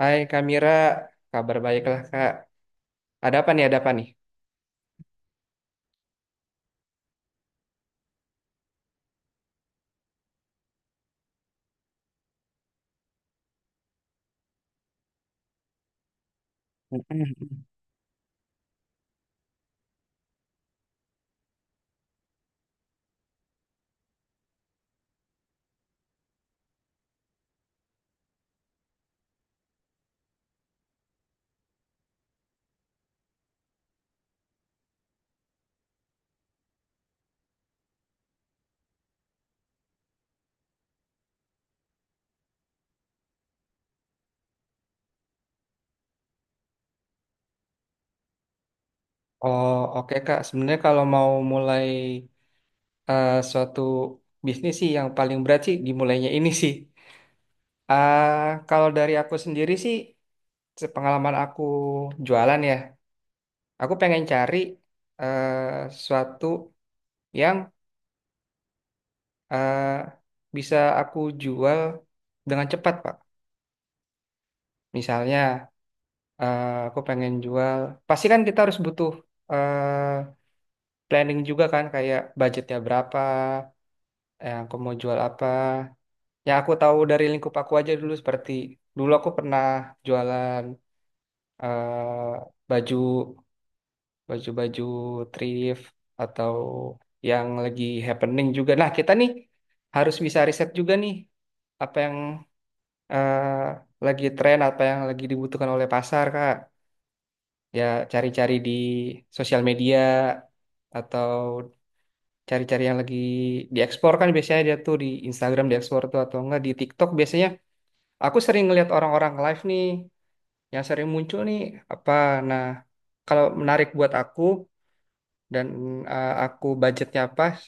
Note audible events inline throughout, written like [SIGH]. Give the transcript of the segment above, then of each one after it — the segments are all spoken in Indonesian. Hai Kak Mira, kabar baiklah Kak. Ada apa nih, ada apa nih? [LAUGHS] Oh oke Kak, sebenarnya kalau mau mulai suatu bisnis sih yang paling berat sih dimulainya ini sih. Ah, Kalau dari aku sendiri sih, sepengalaman aku jualan ya, aku pengen cari suatu yang eh, bisa aku jual dengan cepat Pak. Misalnya aku pengen jual, pasti kan kita harus butuh eh, planning juga kan kayak budgetnya berapa, aku mau jual apa. Yang aku tahu dari lingkup aku aja dulu seperti dulu aku pernah jualan eh, baju baju-baju thrift atau yang lagi happening juga. Nah, kita nih harus bisa riset juga nih apa yang eh, lagi tren, apa yang lagi dibutuhkan oleh pasar, Kak. Ya cari-cari di sosial media atau cari-cari yang lagi diekspor kan biasanya dia tuh di Instagram diekspor tuh atau enggak di TikTok biasanya aku sering ngeliat orang-orang live nih yang sering muncul nih apa nah kalau menarik buat aku dan aku budgetnya pas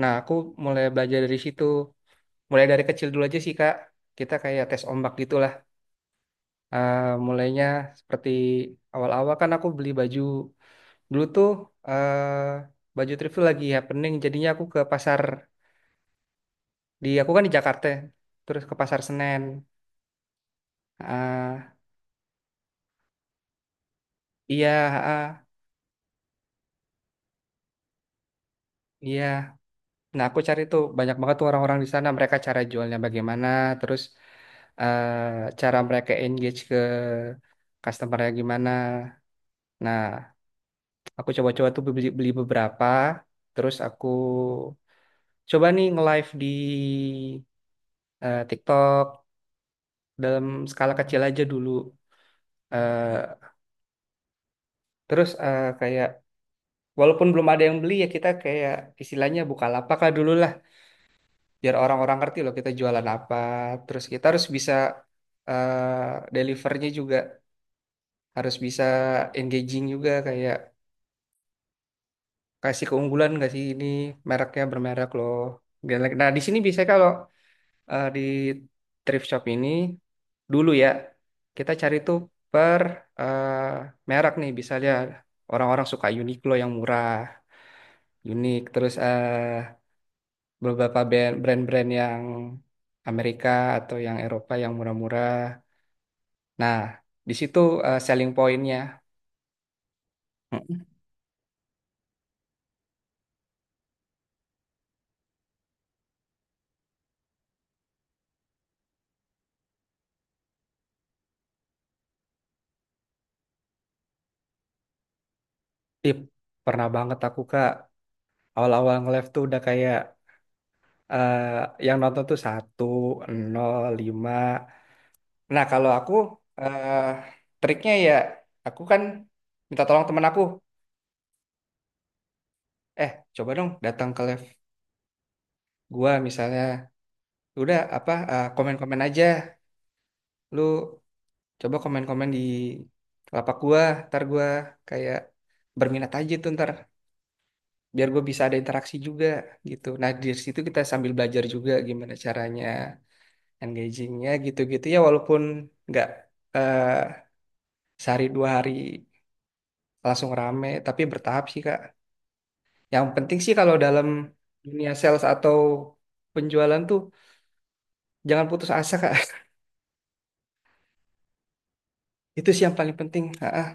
nah aku mulai belajar dari situ mulai dari kecil dulu aja sih Kak, kita kayak tes ombak gitulah. Mulainya seperti awal-awal kan aku beli baju dulu tuh, baju trivial lagi happening jadinya aku ke pasar, di aku kan di Jakarta terus ke Pasar Senen, ah iya, ah, iya nah aku cari tuh banyak banget tuh orang-orang di sana mereka cara jualnya bagaimana terus eh cara mereka engage ke customernya gimana nah aku coba-coba tuh beli, beli beberapa terus aku coba nih nge-live di TikTok dalam skala kecil aja dulu. Eh, Terus kayak walaupun belum ada yang beli ya kita kayak istilahnya lapak lah dulu lah biar orang-orang ngerti loh kita jualan apa. Terus kita harus bisa delivernya juga harus bisa engaging juga kayak kasih keunggulan nggak sih ini mereknya bermerek loh. Nah di sini bisa kalau di thrift shop ini dulu ya kita cari tuh per eh, merek nih misalnya orang-orang suka Uniqlo yang murah, unik terus beberapa brand-brand yang Amerika atau yang Eropa yang murah-murah. Nah, di situ selling pointnya. Mm-mm. Ih, pernah banget aku Kak, awal-awal nge-live tuh udah kayak yang nonton tuh satu, nol, lima. Nah, kalau aku eh, triknya ya, aku kan minta tolong temen aku. Eh, coba dong datang ke live gua misalnya. Udah apa komen-komen aja. Lu coba komen-komen di lapak gua, ntar gua kayak berminat aja tuh ntar biar gue bisa ada interaksi juga gitu. Nah di situ kita sambil belajar juga gimana caranya engagingnya gitu-gitu ya walaupun nggak eh, sehari dua hari langsung rame tapi bertahap sih Kak. Yang penting sih kalau dalam dunia sales atau penjualan tuh jangan putus asa Kak. [LAUGHS] Itu sih yang paling penting. Ah, ah.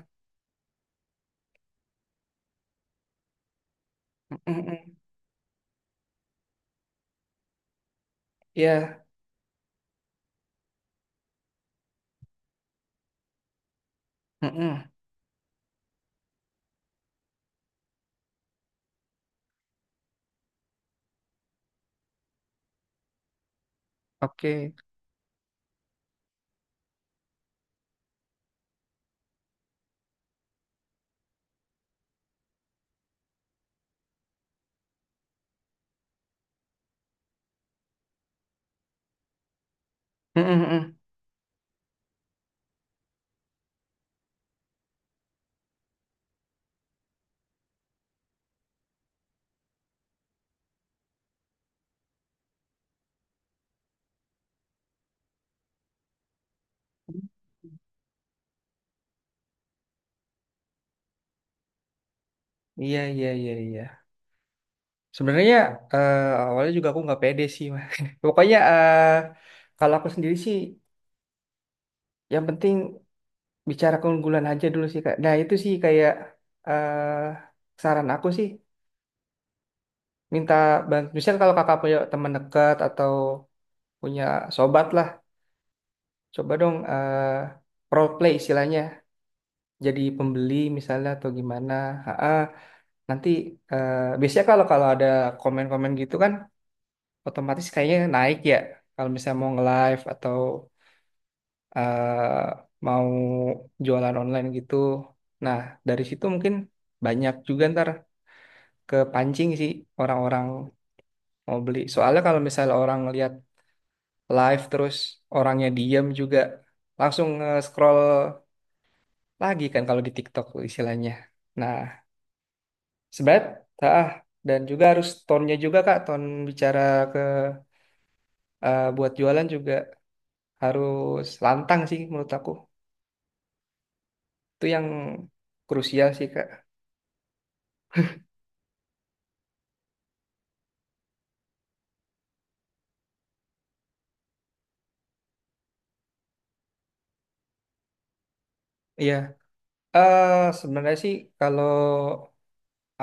Mm, mm, mm. Iya. Mm, mm. Oke. Mm, mm, mm. Iya, iya, iya, iya. Sebenarnya eh, awalnya juga aku nggak pede sih, Mas. [LAUGHS] Pokoknya eh, kalau aku sendiri sih, yang penting bicara keunggulan aja dulu sih, Kak. Nah, itu sih kayak saran aku sih, minta bantu. Misal kalau kakak punya teman dekat atau punya sobat lah, coba dong role play istilahnya. Jadi pembeli misalnya atau gimana. Ha-ha. Nanti eh, biasanya kalau kalau ada komen-komen gitu kan, otomatis kayaknya naik ya kalau misalnya mau nge-live atau eh, mau jualan online gitu. Nah, dari situ mungkin banyak juga ntar kepancing sih orang-orang mau beli. Soalnya kalau misalnya orang lihat live terus orangnya diam juga langsung nge-scroll lagi kan kalau di TikTok istilahnya. Nah, sebat, ah, dan juga harus tone-nya juga Kak, tone bicara ke buat jualan juga harus lantang sih menurut aku. Itu yang krusial sih, Kak. Iya. Eh sebenarnya sih kalau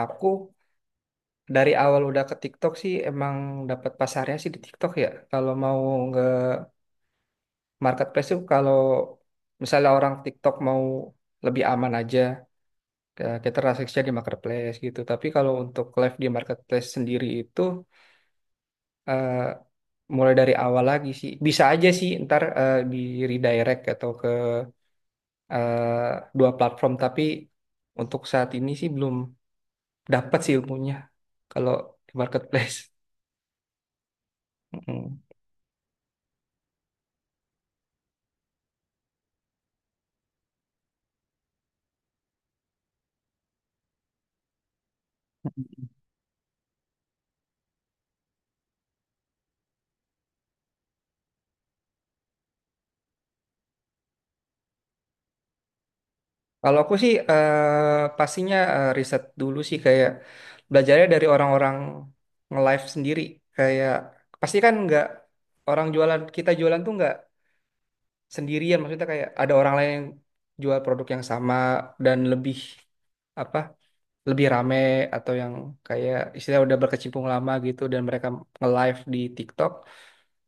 aku dari awal udah ke TikTok sih emang dapat pasarnya sih di TikTok ya. Kalau mau nge marketplace tuh kalau misalnya orang TikTok mau lebih aman aja kita transaksinya di marketplace gitu. Tapi kalau untuk live di marketplace sendiri itu eh mulai dari awal lagi sih. Bisa aja sih ntar di redirect atau ke eh, dua platform tapi untuk saat ini sih belum dapat sih ilmunya kalau di marketplace. Mm. Kalau aku sih eh, pastinya riset dulu sih kayak belajarnya dari orang-orang nge-live sendiri. Kayak pasti kan nggak orang jualan kita jualan tuh nggak sendirian. Maksudnya kayak ada orang lain yang jual produk yang sama dan lebih apa lebih rame atau yang kayak istilah udah berkecimpung lama gitu dan mereka nge-live di TikTok.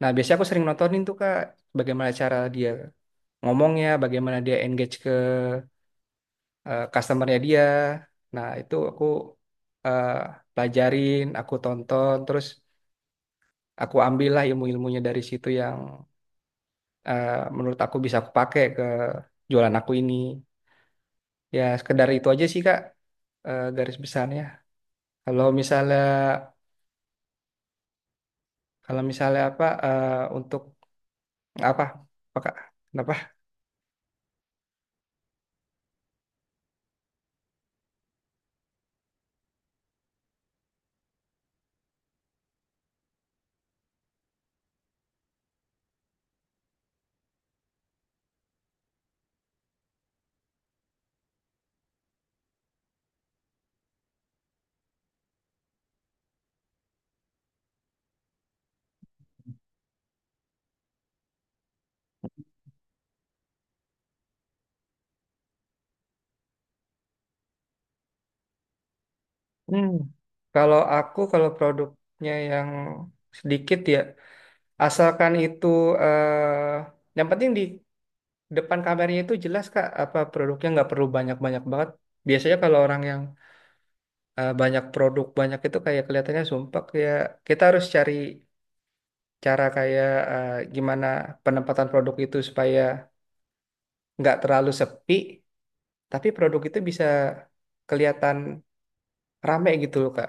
Nah biasanya aku sering nontonin tuh kak bagaimana cara dia ngomongnya, bagaimana dia engage ke customernya dia. Nah, itu aku eh, pelajarin, aku tonton, terus aku ambillah ilmu-ilmunya dari situ yang eh, menurut aku bisa aku pakai ke jualan aku ini. Ya, sekedar itu aja sih, Kak, garis besarnya. Kalau misalnya kalau misalnya apa untuk apa? Apa, Kak? Kenapa? Hmm. Kalau aku kalau produknya yang sedikit ya asalkan itu eh, yang penting di depan kameranya itu jelas Kak apa produknya nggak perlu banyak-banyak banget. Biasanya kalau orang yang banyak produk banyak itu kayak kelihatannya sumpek ya kita harus cari cara kayak gimana penempatan produk itu supaya nggak terlalu sepi tapi produk itu bisa kelihatan rame gitu loh Kak.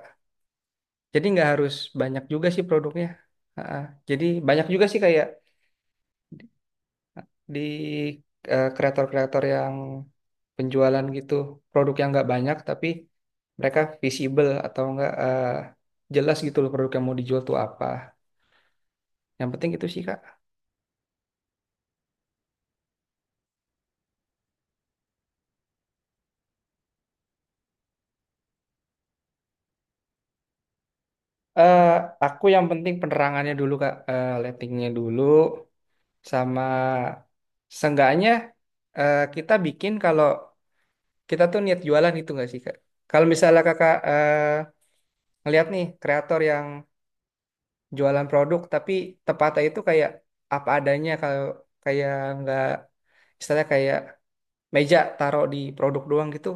Jadi nggak harus banyak juga sih produknya. Ha-ha. Jadi banyak juga sih kayak di kreator-kreator yang penjualan gitu produk yang nggak banyak tapi mereka visible atau nggak jelas gitu loh produk yang mau dijual tuh apa yang penting itu sih kak. eh aku yang penting penerangannya dulu kak eh lightingnya dulu sama seenggaknya kita bikin kalau kita tuh niat jualan itu nggak sih kak kalau misalnya kakak ngeliat nih kreator yang jualan produk tapi tepatnya itu kayak apa adanya kalau kayak nggak misalnya kayak meja taruh di produk doang gitu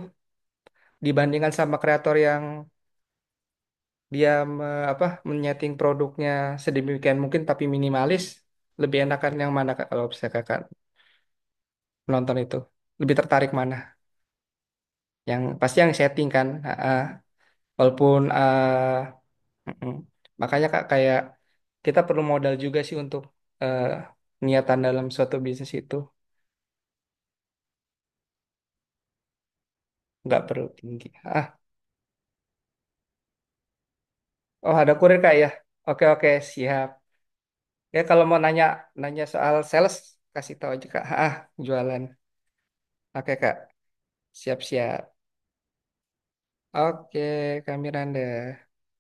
dibandingkan sama kreator yang dia apa menyeting produknya sedemikian mungkin tapi minimalis lebih enakan yang mana Kak, kalau bisa kakak menonton itu lebih tertarik mana yang pasti yang setting kan ah, ah. Walaupun ah, mm-mm. Makanya kak kayak kita perlu modal juga sih untuk eh, niatan dalam suatu bisnis itu nggak perlu tinggi. Ah, oh ada kurir kak ya. Oke oke siap. Ya kalau mau nanya nanya soal sales kasih tahu aja kak. Ah jualan. Oke kak. Siap siap. Oke Kak Miranda.